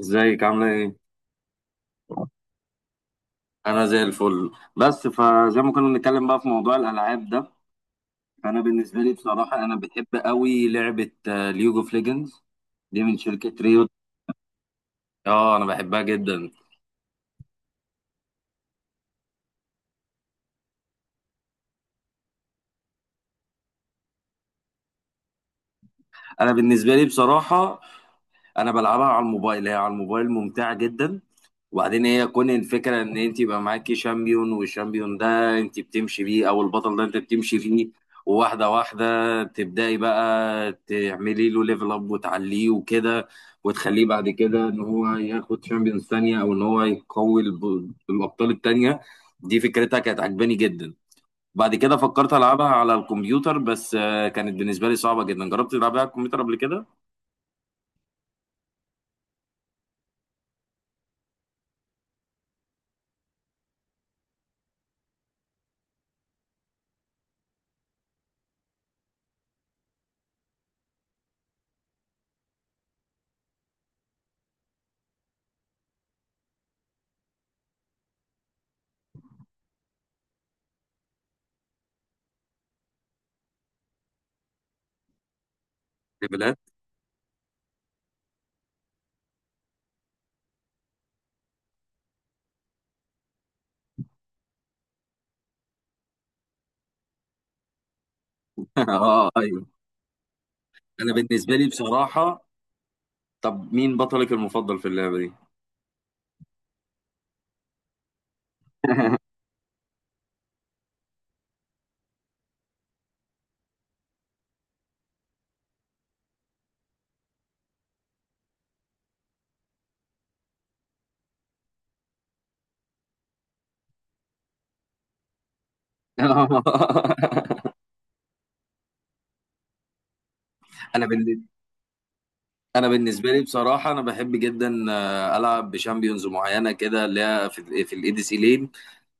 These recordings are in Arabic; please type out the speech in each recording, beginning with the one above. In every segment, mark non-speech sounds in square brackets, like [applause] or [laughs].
ازيك عامله ايه؟ انا زي الفل. بس فزي ما كنا بنتكلم بقى في موضوع الالعاب ده، فانا بالنسبه لي بصراحه انا بحب قوي لعبه ليج اوف ليجندز. دي من شركه ريوت. اه انا بحبها جدا. انا بالنسبه لي بصراحه انا بلعبها على الموبايل، هي على الموبايل ممتعه جدا. وبعدين هي كون الفكره ان انت يبقى معاكي شامبيون، والشامبيون ده انت بتمشي بيه، او البطل ده انت بتمشي فيه. وواحده واحده تبداي بقى تعملي له ليفل اب وتعليه وكده، وتخليه بعد كده ان هو ياخد شامبيونز تانية، او ان هو يقوي الابطال التانية. دي فكرتها كانت عجباني جدا. بعد كده فكرت العبها على الكمبيوتر، بس كانت بالنسبه لي صعبه جدا. جربت تلعبها على الكمبيوتر قبل كده؟ ليفلات. [laughs] اه ايوه. انا بالنسبه لي بصراحه، طب مين بطلك المفضل في اللعبة دي؟ [laughs] انا بالنسبة انا بالنسبة لي بصراحة انا بحب جدا، العب بشامبيونز معينة كده اللي هي في الاي دي سي لين.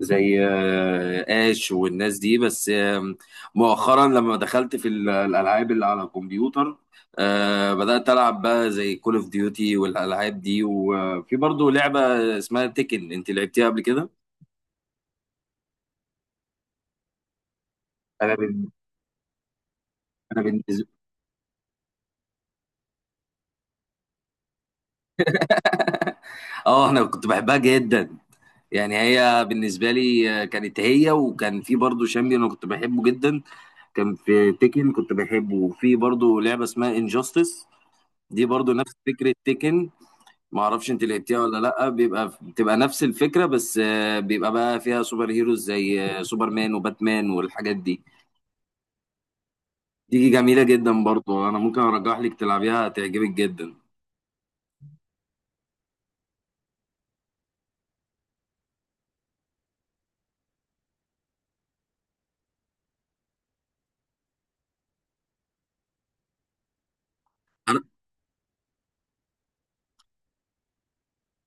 زي اش والناس دي، بس مؤخرا لما دخلت في الالعاب اللي على الكمبيوتر. بدأت ألعب بقى زي كول اوف ديوتي والألعاب دي، وفي برضو لعبة اسمها تيكن، انت لعبتيها قبل كده؟ انا بال... انا بالنسبه اه انا كنت بحبها جدا. يعني هي بالنسبة لي كانت هي، وكان في برضه شامبيون أنا كنت بحبه جدا. كان في تيكن كنت بحبه، وفي برضه لعبة اسمها انجاستس، دي برضه نفس فكرة تيكن. ما اعرفش انت لعبتيها ولا لا. بيبقى بتبقى نفس الفكرة، بس بيبقى بقى فيها سوبر هيروز زي سوبرمان وباتمان والحاجات دي. دي جميلة جدا برضه، انا ممكن ارجح لك تلعبيها هتعجبك جدا.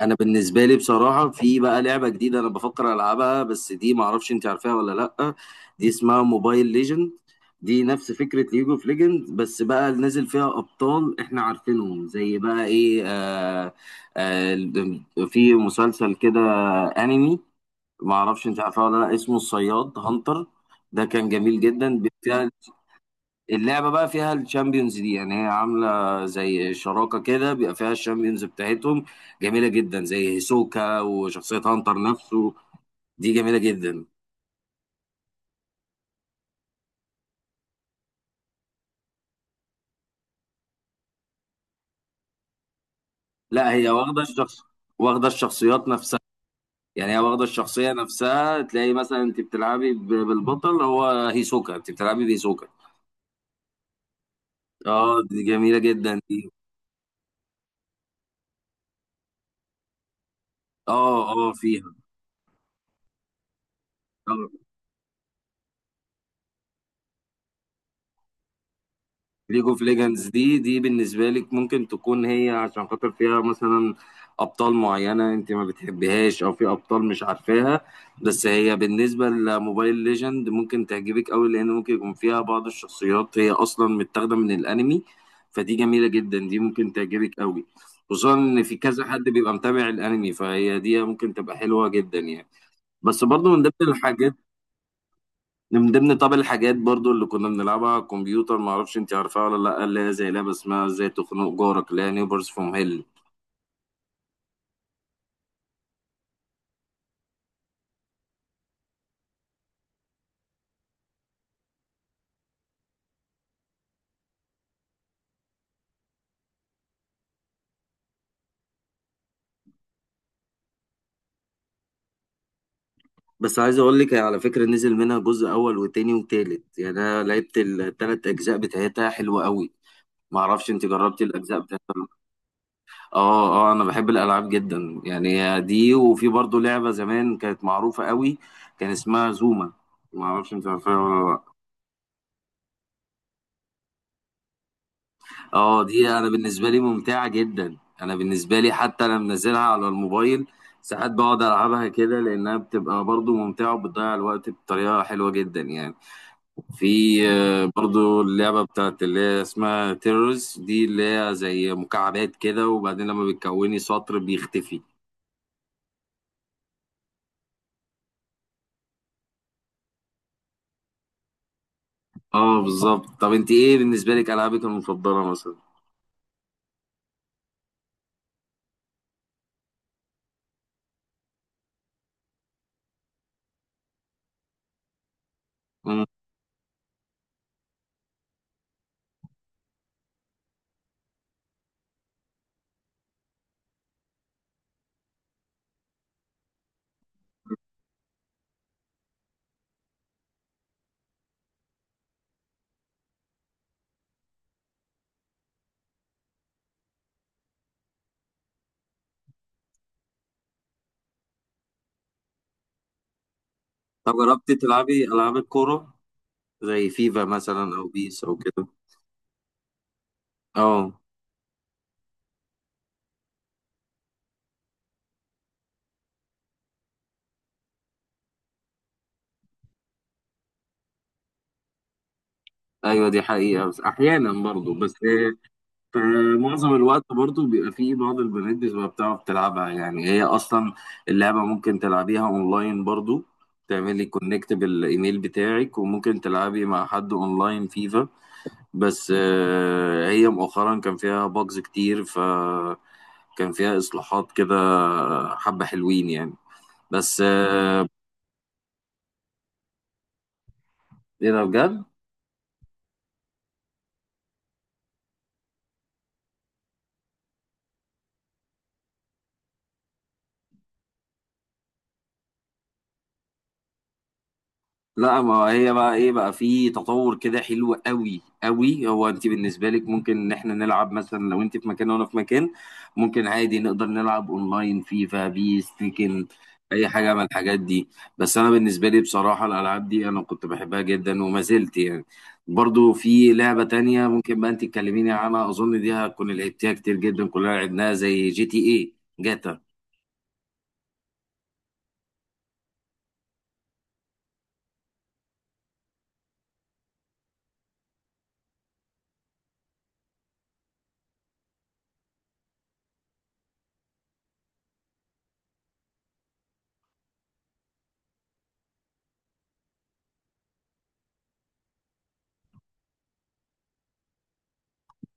انا بالنسبه لي بصراحه في بقى لعبه جديده انا بفكر العبها، بس دي ما اعرفش انت عارفاها ولا لا. دي اسمها موبايل ليجند. دي نفس فكره ليج اوف ليجند، بس بقى نازل فيها ابطال احنا عارفينهم، زي بقى ايه آه في مسلسل كده، انمي. ما اعرفش انت عارفاه ولا لا، اسمه الصياد هانتر. ده كان جميل جدا. اللعبة بقى فيها الشامبيونز دي، يعني هي عاملة زي شراكة كده، بيبقى فيها الشامبيونز بتاعتهم جميلة جدا، زي هيسوكا وشخصية هانتر نفسه. دي جميلة جدا. لا، هي واخدة الشخص واخدة الشخصيات نفسها. يعني هي واخدة الشخصية نفسها، تلاقي مثلا انت بتلعبي بالبطل، هو هيسوكا انت بتلعبي بهيسوكا. اه دي جميلة جدا دي. اه اه فيها. ليج اوف ليجندز دي بالنسبه لك ممكن تكون هي عشان خاطر فيها مثلا ابطال معينه انت ما بتحبيهاش، او في ابطال مش عارفاها. بس هي بالنسبه لموبايل ليجند ممكن تعجبك قوي، لان ممكن يكون فيها بعض الشخصيات هي اصلا متاخده من الانمي. فدي جميله جدا، دي ممكن تعجبك قوي. خصوصا ان في كذا حد بيبقى متابع الانمي، فهي دي ممكن تبقى حلوه جدا يعني. بس برضو من ضمن الحاجات، من ضمن طب الحاجات برضو اللي كنا بنلعبها على الكمبيوتر، ما اعرفش انت عارفاها ولا لا، اللي هي زي لعبه اسمها ازاي تخنق جارك، اللي هي نيبرز فروم هيل. بس عايز اقول لك هي على فكره نزل منها جزء اول وتاني وتالت، يعني انا لعبت التلات اجزاء بتاعتها حلوه قوي. ما اعرفش انت جربتي الاجزاء بتاعتها ولا لأ. اه اه انا بحب الالعاب جدا، يعني دي، وفي برضو لعبه زمان كانت معروفه قوي، كان اسمها زوما. ما اعرفش انت عارفاها ولا لا. اه دي انا بالنسبه لي ممتعه جدا، انا بالنسبه لي حتى انا منزلها على الموبايل. ساعات بقعد العبها كده لانها بتبقى برضو ممتعه، وبتضيع الوقت بطريقه حلوه جدا يعني. في برضو اللعبه بتاعت اللي هي اسمها تيرورز دي، اللي هي زي مكعبات كده، وبعدين لما بتكوني سطر بيختفي. اه بالظبط. طب انت ايه بالنسبه لك العابك المفضله مثلا؟ مم. طب جربتي تلعبي العاب الكوره زي فيفا مثلا او بيس او كده؟ اه. ايوه دي حقيقة، بس احيانا برضو بس في معظم الوقت برضو بيبقى في بعض البنات بتبقى بتعرف تلعبها، يعني هي اصلا اللعبة ممكن تلعبيها اونلاين برضو. تعملي كونكت بالايميل بتاعك، وممكن تلعبي مع حد اونلاين فيفا. بس هي مؤخرا كان فيها باجز كتير، ف كان فيها اصلاحات كده حبة حلوين يعني. بس آه، ايه ده بجد؟ لا ما هي بقى ايه، بقى في تطور كده حلو قوي قوي. هو انت بالنسبه لك ممكن ان احنا نلعب مثلا لو انت في مكان وانا في مكان، ممكن عادي نقدر نلعب اونلاين فيفا بيس تيكن اي حاجه من الحاجات دي. بس انا بالنسبه لي بصراحه الالعاب دي انا كنت بحبها جدا وما زلت يعني. برضو في لعبه تانية ممكن بقى انت تكلميني عنها، اظن دي هتكون لعبتيها كتير جدا كلنا لعبناها، زي جي تي اي، جاتا.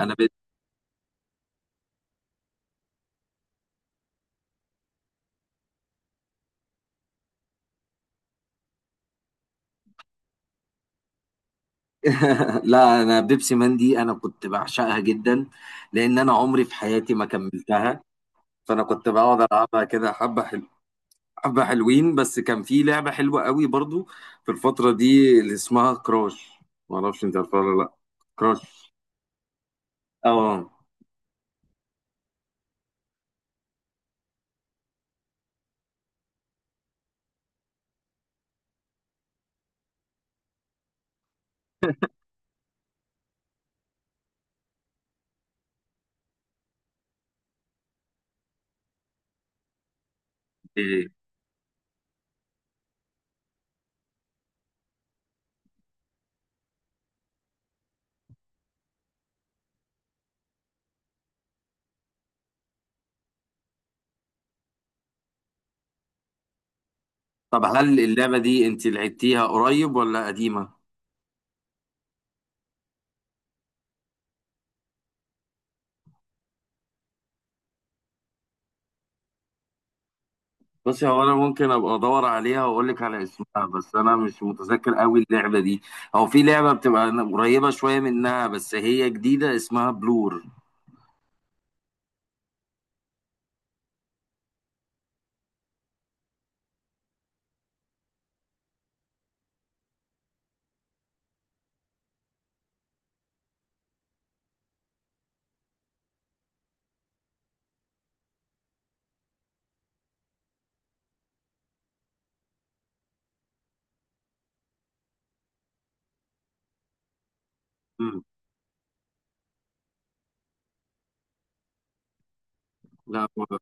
انا [laughs] لا انا بيبسي مان دي انا كنت بعشقها جدا، لان انا عمري في حياتي ما كملتها. فانا كنت بقعد العبها كده حبه حلوين. بس كان في لعبه حلوه قوي برضو في الفتره دي اللي اسمها كراش. ما اعرفش انت عارفها ولا لا. كراش. اه. إيه. طب هل اللعبه دي انت لعبتيها قريب ولا قديمه؟ بصي هو انا ممكن ابقى ادور عليها واقول لك على اسمها، بس انا مش متذكر قوي اللعبه دي. هو في لعبه بتبقى قريبه شويه منها بس هي جديده اسمها بلور. مم. لا هو-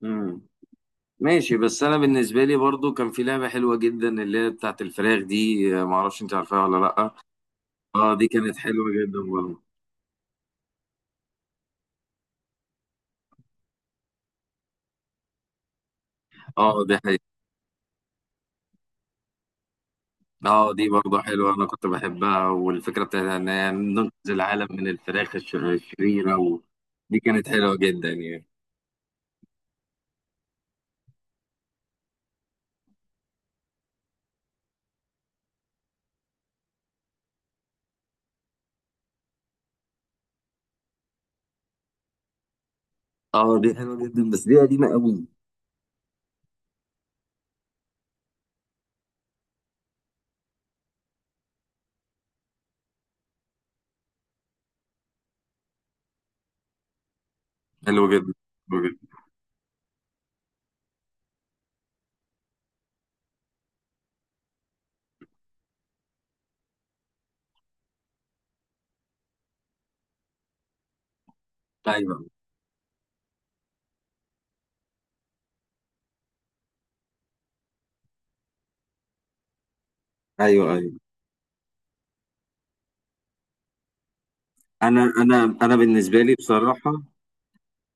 مم. ماشي. بس انا بالنسبه لي برضو كان في لعبه حلوه جدا اللي هي بتاعت الفراخ دي. ما اعرفش انت عارفاها ولا لا. اه دي كانت حلوه جدا برضو. اه دي حقيقة. اه دي برضو حلوه، انا كنت بحبها، والفكره بتاعتها ان هي ننقذ العالم من الفراخ الشريره دي كانت حلوه جدا يعني. اه دي حلوه جدا بس دي قديمه قوي. حلو جدا. حلو جدا. ايوه. ايوه ايوه. انا بالنسبه لي بصراحه،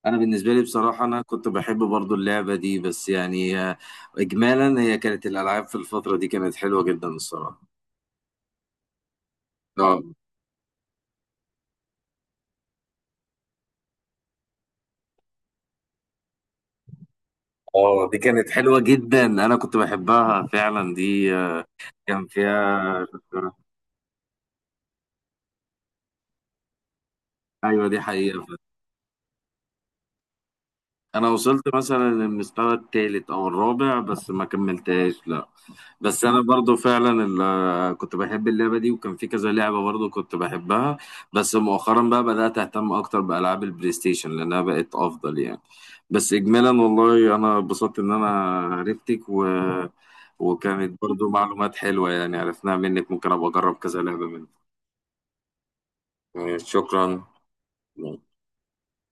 انا بالنسبه لي بصراحه انا كنت بحب برضو اللعبه دي، بس يعني اجمالا هي كانت الالعاب في الفتره دي كانت حلوه جدا الصراحه. اه اه دي كانت حلوه جدا انا كنت بحبها فعلا دي، كان فيها. ايوه دي حقيقه. انا وصلت مثلا للمستوى الثالث او الرابع بس ما كملتهاش لا. بس انا برضو فعلا كنت بحب اللعبه دي، وكان في كذا لعبه برضو كنت بحبها. بس مؤخرا بقى بدات اهتم اكتر بالعاب البلاي ستيشن لانها بقت افضل يعني. بس اجمالا والله انا اتبسطت ان انا عرفتك، وكانت برضو معلومات حلوه يعني عرفناها منك، ممكن ابقى اجرب كذا لعبه منك. شكرا.